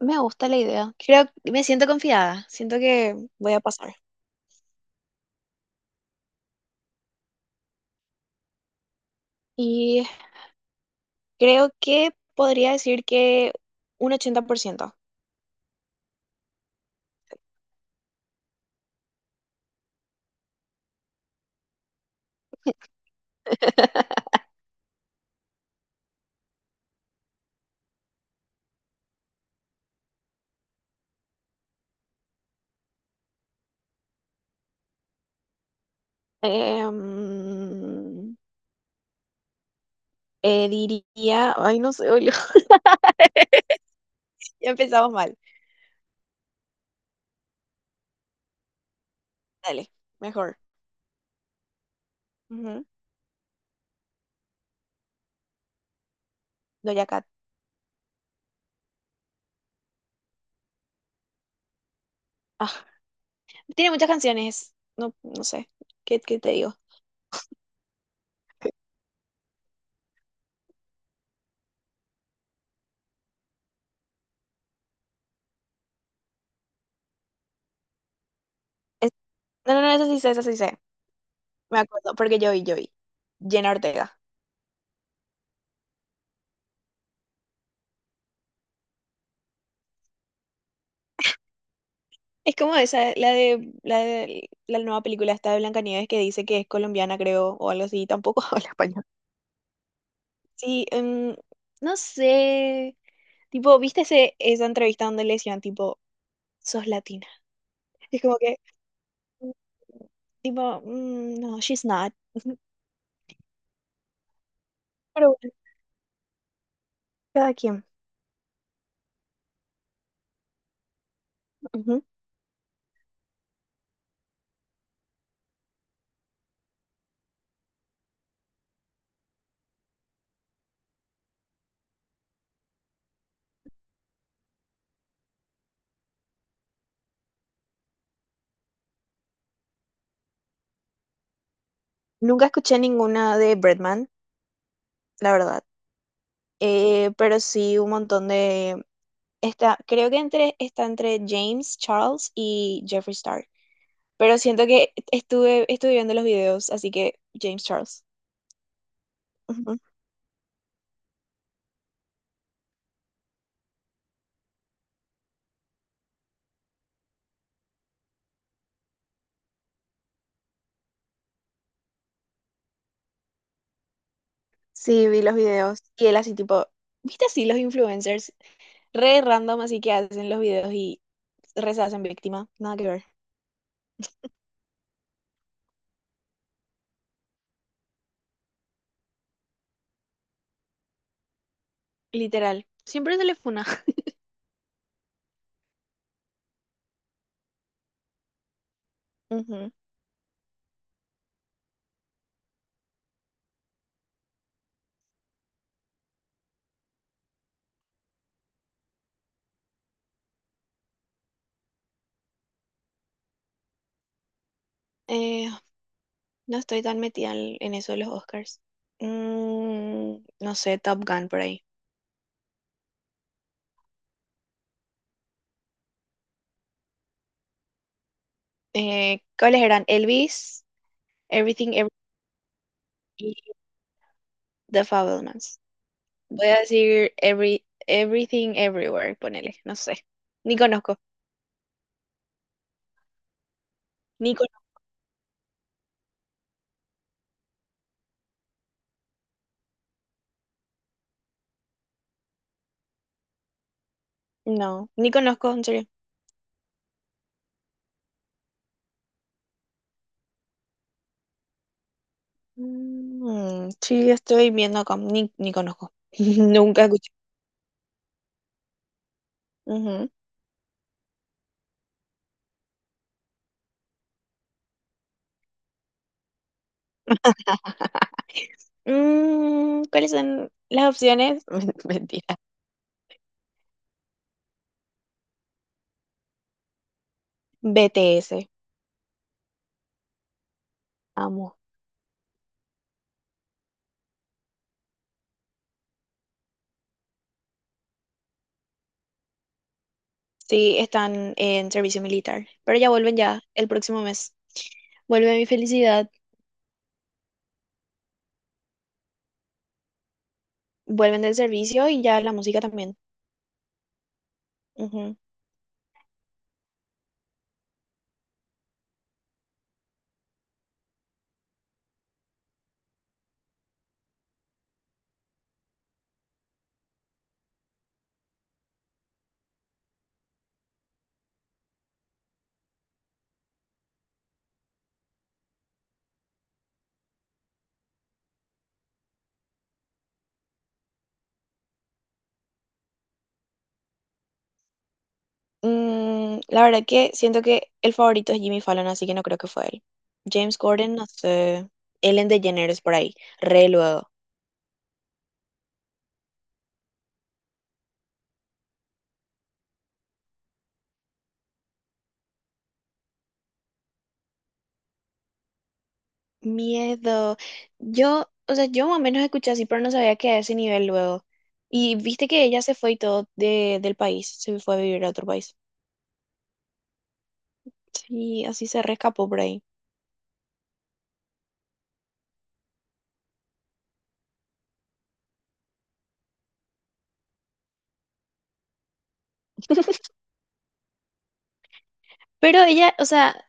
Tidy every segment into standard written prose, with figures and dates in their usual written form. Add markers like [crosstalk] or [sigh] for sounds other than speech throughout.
Me gusta la idea. Me siento confiada. Siento que voy a pasar. Y creo que podría decir que un 80%. [laughs] Em, diría, ay, no sé, boludo, [laughs] ya empezamos mal. Dale, mejor. Ujú, Doja Cat. Ah, tiene muchas canciones. No, no sé. ¿Qué te digo? Es- no, no, no, esa sí sé, esa sí sé. Me acuerdo, porque yo vi. Jenna Ortega. Es como esa, la nueva película esta de Blancanieves que dice que es colombiana, creo, o algo así, tampoco [laughs] habla español. Sí, no sé, tipo, ¿ esa entrevista donde le decían, tipo, ¿sos latina? Y es como que, mm, tipo, "Mm, no, she's not." [laughs] Pero bueno, cada quien. Ujú. Nunca escuché ninguna de Bretman, la verdad. Pero sí un montón de... Está, está entre James Charles y Jeffree Star. Pero siento que estuve viendo los videos, así que James Charles. Ujú. Sí, vi los videos. Y él así tipo, ¿viste así los influencers? Re random así que hacen los videos y re se hacen víctima. Nada que ver. Literal. Siempre se le funa. Ujú. Eh, no estoy tan metida en eso de los Oscars. Mm, no sé, Top Gun por ahí. ¿Cuáles eran? Elvis, Everything, Everything, The Fabelmans. Voy a decir everything everywhere, ponele, no sé. Ni conozco, ni conozco. No, ni conozco, en serio. Mm, sí, estoy viendo acá, ni conozco. [laughs] Nunca escuché. Ujú. [laughs] Mm, ¿cuáles son las opciones? [laughs] Mentira. BTS, amo. Sí, están en servicio militar, pero ya vuelven ya el próximo mes. Vuelve mi felicidad, vuelven del servicio y ya la música también. Mm, la verdad que siento que el favorito es Jimmy Fallon, así que no creo que fue él. James Corden, no sé. Ellen DeGeneres por ahí, re luego. Miedo. Yo, o sea, yo más o menos escuché así, pero no sabía que a ese nivel luego. Y viste que ella se fue y todo del país, se fue a vivir a otro país. Sí, así se rescapó por ahí. Pero ella, o sea,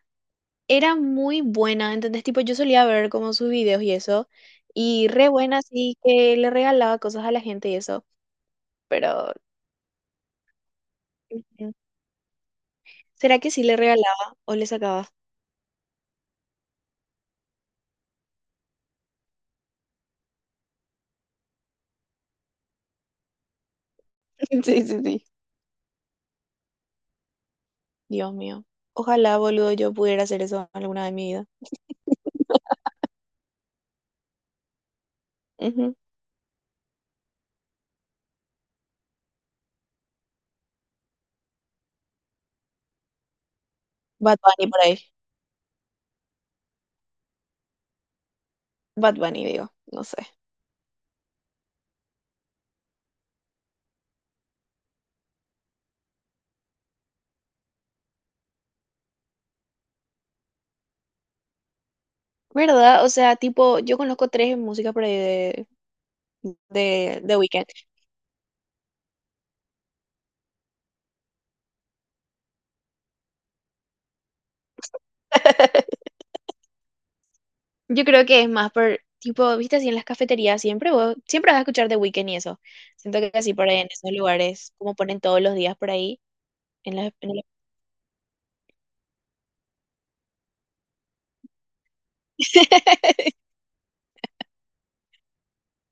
era muy buena, ¿entendés? Tipo, yo solía ver como sus videos y eso, y re buena, así que le regalaba cosas a la gente y eso, pero ujú. ¿Será que sí le regalaba o le sacaba? [laughs] Sí, sí, sí. Dios mío. Ojalá, boludo, yo pudiera hacer eso alguna vez en mi vida. Ujú. Bad Bunny por ahí. Bad Bunny, digo. No sé. ¿Verdad? O sea, tipo, yo conozco tres músicas por ahí de Weeknd. [laughs] Yo creo que es más por, tipo, viste así en las cafeterías siempre, vos siempre vas a escuchar The Weeknd y eso. Siento que así por ahí en esos lugares, como ponen todos los días por ahí. En las- [laughs]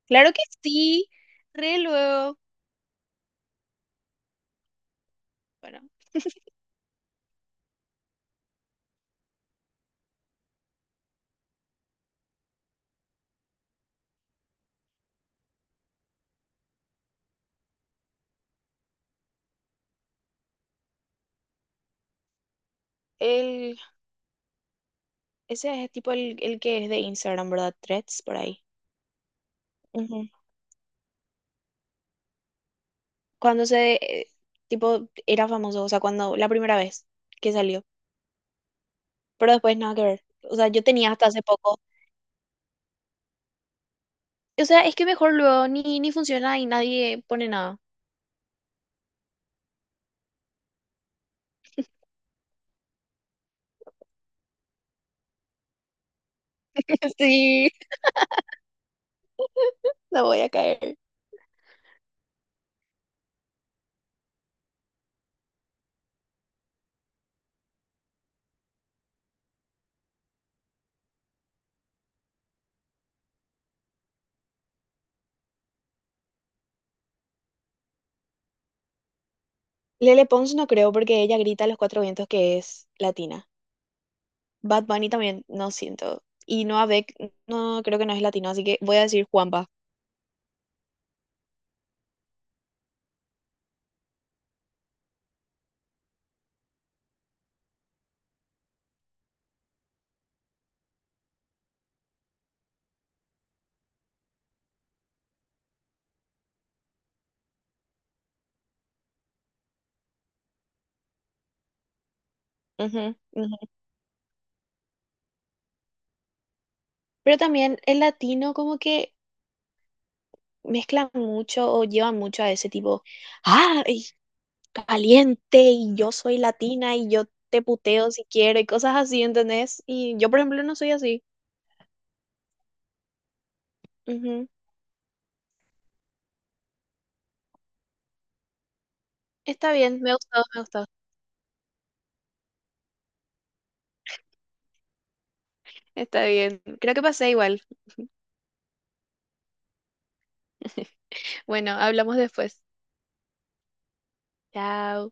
Claro que sí, re luego. Bueno. el Ese es tipo el que es de Instagram, ¿verdad? Threads, por ahí. Ujú. Cuando se, eh, tipo, era famoso, o sea, cuando, la primera vez que salió. Pero después nada que ver. O sea, yo tenía hasta hace poco. O sea, es que mejor luego ni funciona y nadie pone nada. [laughs] Sí, no voy a caer. Lele Pons no creo porque ella grita a los cuatro vientos que es latina. Bad Bunny también, no siento. Y Noah Beck, no creo que no es latino, así que voy a decir Juanpa. Ujú, ujú. Pero también el latino como que mezclan mucho o llevan mucho a ese tipo, ah, ay, caliente y yo soy latina y yo te puteo si quiero y cosas así, ¿entendés? Y yo, por ejemplo, no soy así. Ujú. Está bien, me ha gustado, me ha gustado. Está bien, creo que pasé igual. Bueno, hablamos después. Chao.